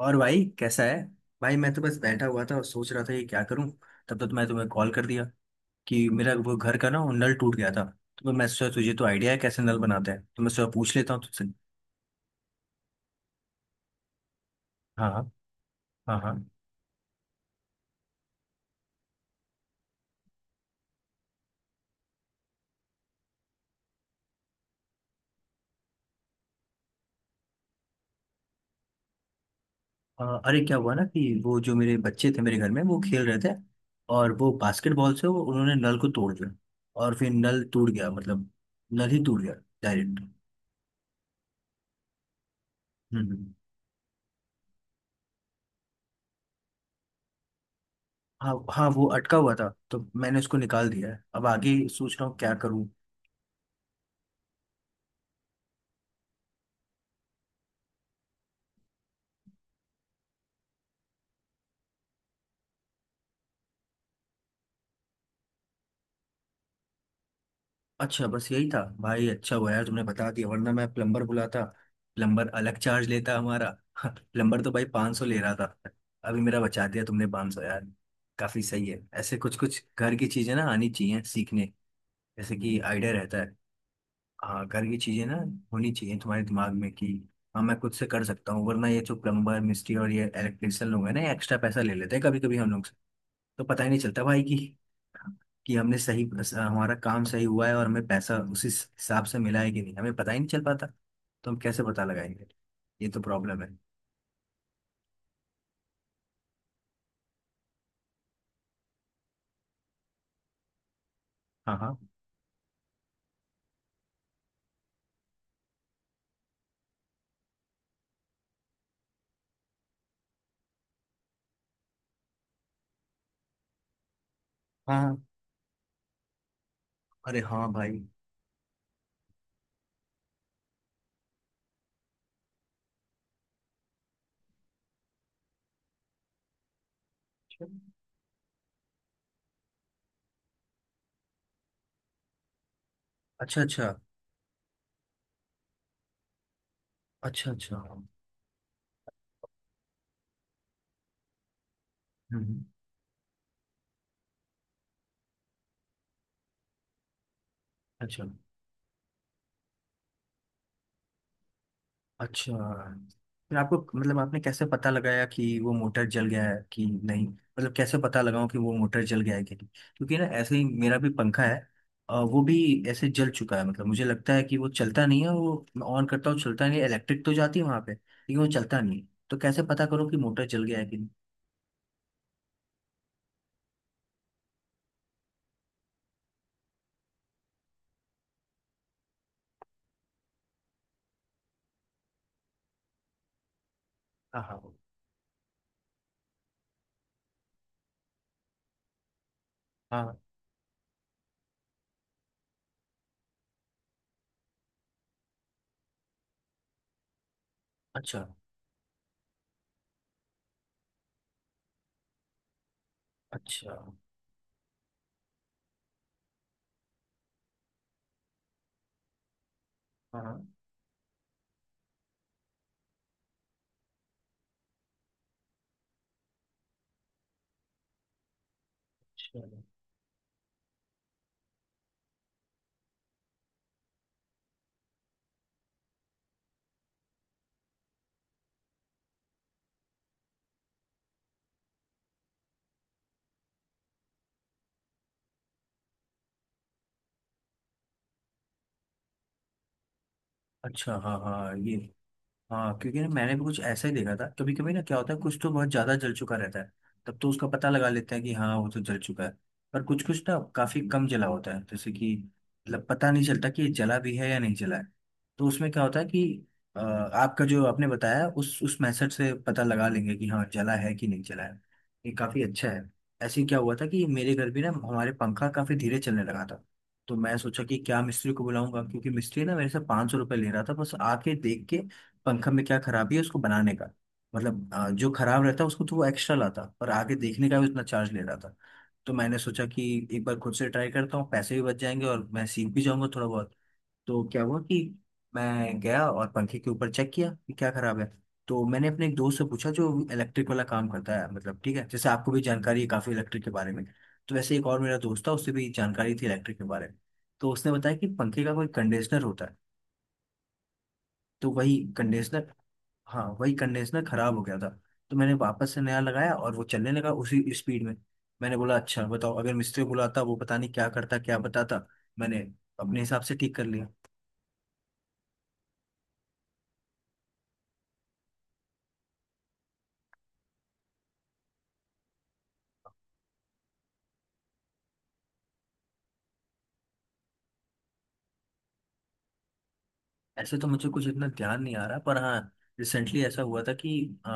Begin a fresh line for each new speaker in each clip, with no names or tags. और भाई कैसा है। भाई मैं तो बस बैठा हुआ था और सोच रहा था कि क्या करूं। तब तक मैं तुम्हें कॉल कर दिया कि मेरा वो घर का ना वो नल टूट गया था। तो मैं सोचा तुझे तो आइडिया है कैसे नल बनाते हैं, तो मैं सोचा पूछ लेता हूँ तुझसे। हाँ हाँ। हाँ हाँ। अरे क्या हुआ ना कि वो जो मेरे बच्चे थे मेरे घर में वो खेल रहे थे, और वो बास्केटबॉल से वो उन्होंने नल को तोड़ दिया। और फिर नल टूट गया, मतलब नल ही टूट गया, डायरेक्ट। हम्म। हाँ हाँ, वो अटका हुआ था तो मैंने उसको निकाल दिया है, अब आगे सोच रहा हूँ क्या करूँ। अच्छा बस यही था भाई, अच्छा हुआ यार तुमने बता दिया, वरना मैं प्लम्बर बुलाता। प्लम्बर अलग चार्ज लेता हमारा प्लम्बर तो भाई 500 ले रहा था, अभी मेरा बचा दिया तुमने 500 यार। काफी सही है, ऐसे कुछ कुछ घर की चीजें ना आनी चाहिए सीखने, जैसे कि आइडिया रहता है। हाँ घर की चीजें ना होनी चाहिए तुम्हारे दिमाग में कि हाँ मैं खुद से कर सकता हूँ, वरना ये जो प्लम्बर मिस्त्री और ये इलेक्ट्रिशियन लोग हैं ना एक्स्ट्रा पैसा ले लेते हैं कभी कभी हम लोग से। तो पता ही नहीं चलता भाई कि हमने सही हमारा काम सही हुआ है और हमें पैसा उसी हिसाब से मिला है कि नहीं, हमें पता ही नहीं चल पाता। तो हम कैसे पता लगाएंगे, ये तो प्रॉब्लम है। हाँ हाँ। हाँ, अरे हाँ भाई। अच्छा। अच्छा। अच्छा अच्छा। हम्म। अच्छा। अच्छा। फिर आपको मतलब आपने कैसे पता लगाया कि वो मोटर जल गया है कि नहीं, मतलब कैसे पता लगाऊं कि वो मोटर जल गया है कि नहीं। क्योंकि ना ऐसे ही मेरा भी पंखा है। वो भी ऐसे जल चुका है, मतलब मुझे लगता है कि वो चलता नहीं है। वो मैं ऑन करता हूँ चलता नहीं है, इलेक्ट्रिक तो जाती है वहां पे, लेकिन वो चलता नहीं है। तो कैसे पता करूँ कि मोटर जल गया है कि नहीं। हाँ हाँ। हाँ। अच्छा। अच्छा हाँ। चलो। अच्छा हाँ हाँ ये। हाँ क्योंकि ना मैंने भी कुछ ऐसा ही देखा था। कभी कभी ना क्या होता है कुछ तो बहुत ज्यादा जल चुका रहता है, तब तो उसका पता लगा लेते हैं कि हाँ वो तो जल चुका है। पर कुछ कुछ ना काफी कम जला होता है, जैसे कि मतलब पता नहीं चलता कि ये जला भी है या नहीं जला है। तो उसमें क्या होता है कि आपका जो आपने बताया उस मेथड से पता लगा लेंगे कि हाँ जला है कि नहीं जला है। ये काफी अच्छा है। ऐसे ही क्या हुआ था कि मेरे घर भी ना हमारे पंखा काफी धीरे चलने लगा था। तो मैं सोचा कि क्या मिस्त्री को बुलाऊंगा, क्योंकि मिस्त्री ना मेरे से 500 सौ रुपये ले रहा था, बस आके देख के पंखा में क्या खराबी है उसको बनाने का। मतलब जो खराब रहता उसको तो वो एक्स्ट्रा लाता, पर आगे देखने का भी उतना चार्ज ले रहा था। तो मैंने सोचा कि एक बार खुद से ट्राई करता हूँ, पैसे भी बच जाएंगे और मैं सीख भी जाऊंगा थोड़ा बहुत। तो क्या हुआ कि मैं गया और पंखे के ऊपर चेक किया कि क्या खराब है। तो मैंने अपने एक दोस्त से पूछा जो इलेक्ट्रिक वाला काम करता है, मतलब ठीक है जैसे आपको भी जानकारी है काफ़ी इलेक्ट्रिक के बारे में। तो वैसे एक और मेरा दोस्त था उससे भी जानकारी थी इलेक्ट्रिक के बारे में। तो उसने बताया कि पंखे का कोई कंडीशनर होता है, तो वही कंडीशनर। हाँ, वही कंडेंसर खराब हो गया था। तो मैंने वापस से नया लगाया और वो चलने लगा उसी स्पीड में। मैंने बोला अच्छा बताओ, अगर मिस्त्री को बुलाता वो पता नहीं क्या करता क्या बताता। मैंने अपने हिसाब से ठीक कर लिया। ऐसे तो मुझे कुछ इतना ध्यान नहीं आ रहा, पर हाँ रिसेंटली ऐसा हुआ था कि अ,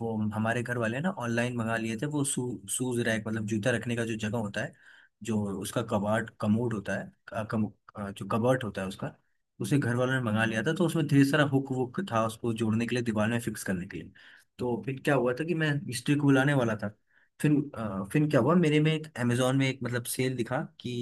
वो हमारे घर वाले ना ऑनलाइन मंगा लिए थे वो शू शूज रैक, मतलब जूता रखने का जो जगह होता है, जो उसका कबाट कमोड होता है जो कबाट होता है उसका। उसे घर वालों ने मंगा लिया था, तो उसमें ढेर सारा हुक वुक था उसको जोड़ने के लिए, दीवार में फिक्स करने के लिए। तो फिर क्या हुआ था कि मैं मिस्त्री को बुलाने वाला था, फिर फिर क्या हुआ मेरे में एक अमेजोन में एक मतलब सेल दिखा कि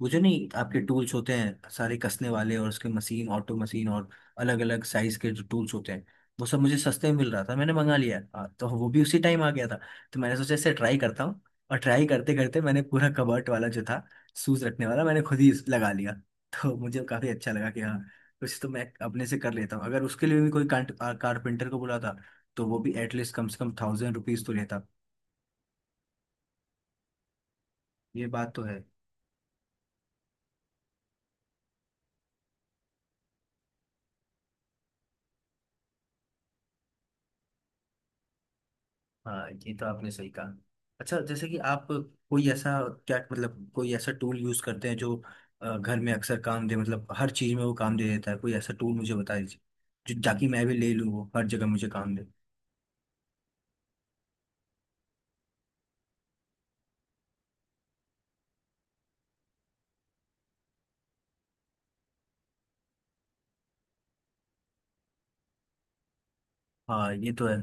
वो जो नहीं आपके टूल्स होते हैं सारे कसने वाले, और उसके मशीन ऑटो मशीन और अलग अलग साइज के जो टूल्स होते हैं वो सब मुझे सस्ते में मिल रहा था, मैंने मंगा लिया। हाँ, तो वो भी उसी टाइम आ गया था। तो मैंने सोचा इसे ट्राई करता हूँ। और ट्राई करते करते मैंने पूरा कबर्ट वाला जो था, शूज रखने वाला, मैंने खुद ही लगा लिया। तो मुझे काफी अच्छा लगा कि हाँ कुछ तो मैं अपने से कर लेता हूँ, अगर उसके लिए भी कोई कारपेंटर को बुलाता तो वो भी एटलीस्ट कम से कम थाउजेंड रुपीज तो लेता। ये बात तो है। हाँ ये तो आपने सही कहा। अच्छा जैसे कि आप कोई ऐसा क्या, मतलब कोई ऐसा टूल यूज करते हैं जो घर में अक्सर काम दे, मतलब हर चीज में वो काम दे देता है, कोई ऐसा टूल मुझे बता दीजिए जो, ताकि मैं भी ले लूँ वो हर जगह मुझे काम दे। हाँ ये तो है।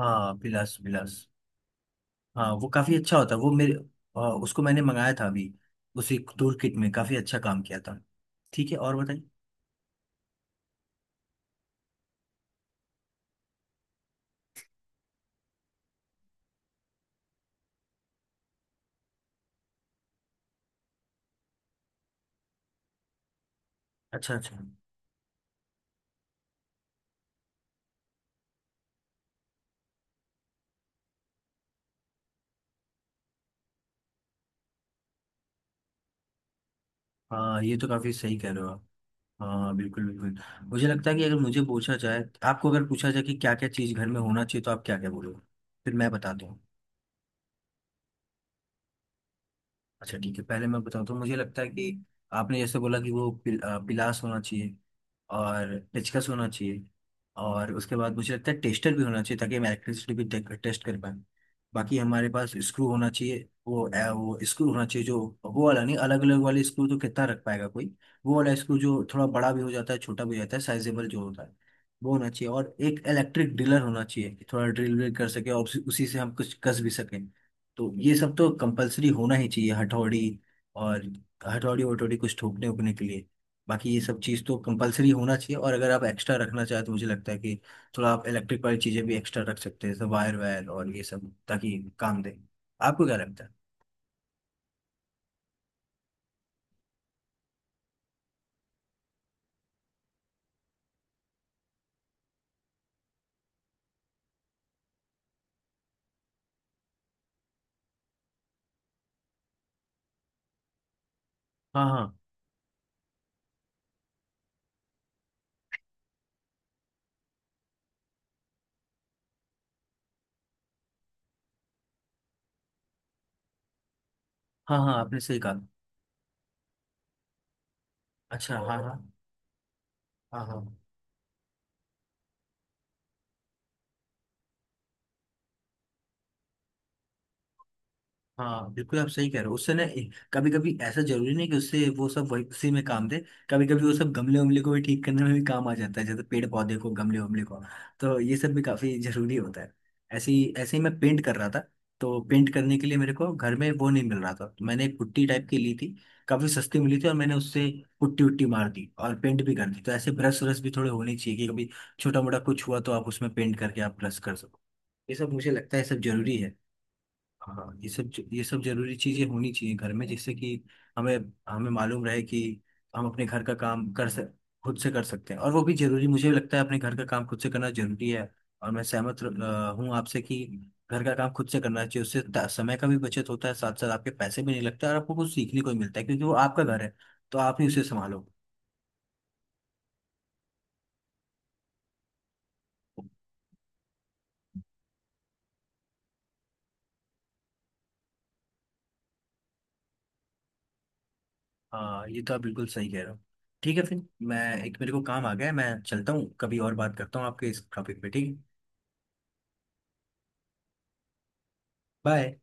हाँ बिलास बिलास। हाँ वो काफी अच्छा होता है वो मेरे उसको मैंने मंगाया था अभी, उसी टूल किट में, काफी अच्छा काम किया था। ठीक है और बताइए। अच्छा अच्छा। हाँ ये तो काफी सही कह रहे हो आप। हाँ बिल्कुल बिल्कुल। मुझे लगता है कि अगर मुझे पूछा जाए, आपको अगर पूछा जाए कि क्या क्या चीज़ घर में होना चाहिए, तो आप क्या क्या बोलोगे, फिर मैं बताता हूँ। अच्छा ठीक है, पहले मैं बताऊँ तो मुझे लगता है कि आपने जैसे बोला कि वो पिलास होना चाहिए, और पेचकस होना चाहिए, और उसके बाद मुझे लगता है टेस्टर भी होना चाहिए ताकि हम इलेक्ट्रिसिटी भी टेस्ट कर पाए। बाकी हमारे पास स्क्रू होना चाहिए, वो वो स्क्रू होना चाहिए जो, वो वाला नहीं, अलग अलग वाले स्क्रू तो कितना रख पाएगा कोई। वो वाला स्क्रू जो थोड़ा बड़ा भी हो जाता है छोटा भी हो जाता है, साइजेबल जो होता है वो होना चाहिए। और एक इलेक्ट्रिक ड्रिलर होना चाहिए कि थोड़ा ड्रिल व्रिल कर सके और उसी उसी से हम कुछ कस भी सकें। तो ये सब तो कंपलसरी होना ही चाहिए, हथौड़ी, और हथौड़ी वटौड़ी कुछ ठोकने उकने के लिए। बाकी ये सब चीज़ तो कंपलसरी होना चाहिए, और अगर आप एक्स्ट्रा रखना चाहें तो मुझे लगता है कि थोड़ा आप इलेक्ट्रिक वाली चीज़ें भी एक्स्ट्रा रख सकते हैं, जैसे वायर वायर और ये सब, ताकि काम दे। आपको क्या लगता है। हाँ हाँ। हाँ हाँ आपने सही कहा। अच्छा हाँ हाँ। हाँ हाँ हाँ बिल्कुल आप सही कह रहे हो। उससे ना कभी कभी ऐसा जरूरी नहीं कि उससे वो सब वही उसी में काम दे, कभी कभी वो सब गमले उमले को भी ठीक करने में भी काम आ जाता है, जैसे पेड़ पौधे को, गमले उमले को। तो ये सब भी काफी जरूरी होता है। ऐसे ही मैं पेंट कर रहा था। तो पेंट करने के लिए मेरे को घर में वो नहीं मिल रहा था, तो मैंने एक पुट्टी टाइप की ली थी, काफी सस्ती मिली थी, और मैंने उससे पुट्टी उट्टी मार दी और पेंट भी कर दी। तो ऐसे ब्रश व्रश भी थोड़े होने चाहिए कि कभी छोटा मोटा कुछ हुआ तो आप उसमें पेंट करके आप ब्रश कर सको। ये सब मुझे लगता है सब जरूरी है। हाँ ये सब जरूरी चीजें होनी चाहिए घर में जिससे कि हमें, हमें मालूम रहे कि हम अपने घर का काम कर सक, खुद से कर सकते हैं। और वो भी जरूरी मुझे लगता है, अपने घर का काम खुद से करना जरूरी है। और मैं सहमत हूँ आपसे कि घर का काम खुद से करना चाहिए, उससे समय का भी बचत होता है, साथ साथ आपके पैसे भी नहीं लगते और आपको कुछ सीखने को भी मिलता है, क्योंकि वो आपका घर है तो आप ही उसे संभालो। हाँ ये तो आप बिल्कुल सही कह रहे हो। ठीक है फिर मैं, एक मेरे को काम आ गया है, मैं चलता हूँ, कभी और बात करता हूँ आपके इस टॉपिक पे, ठीक है। बाय।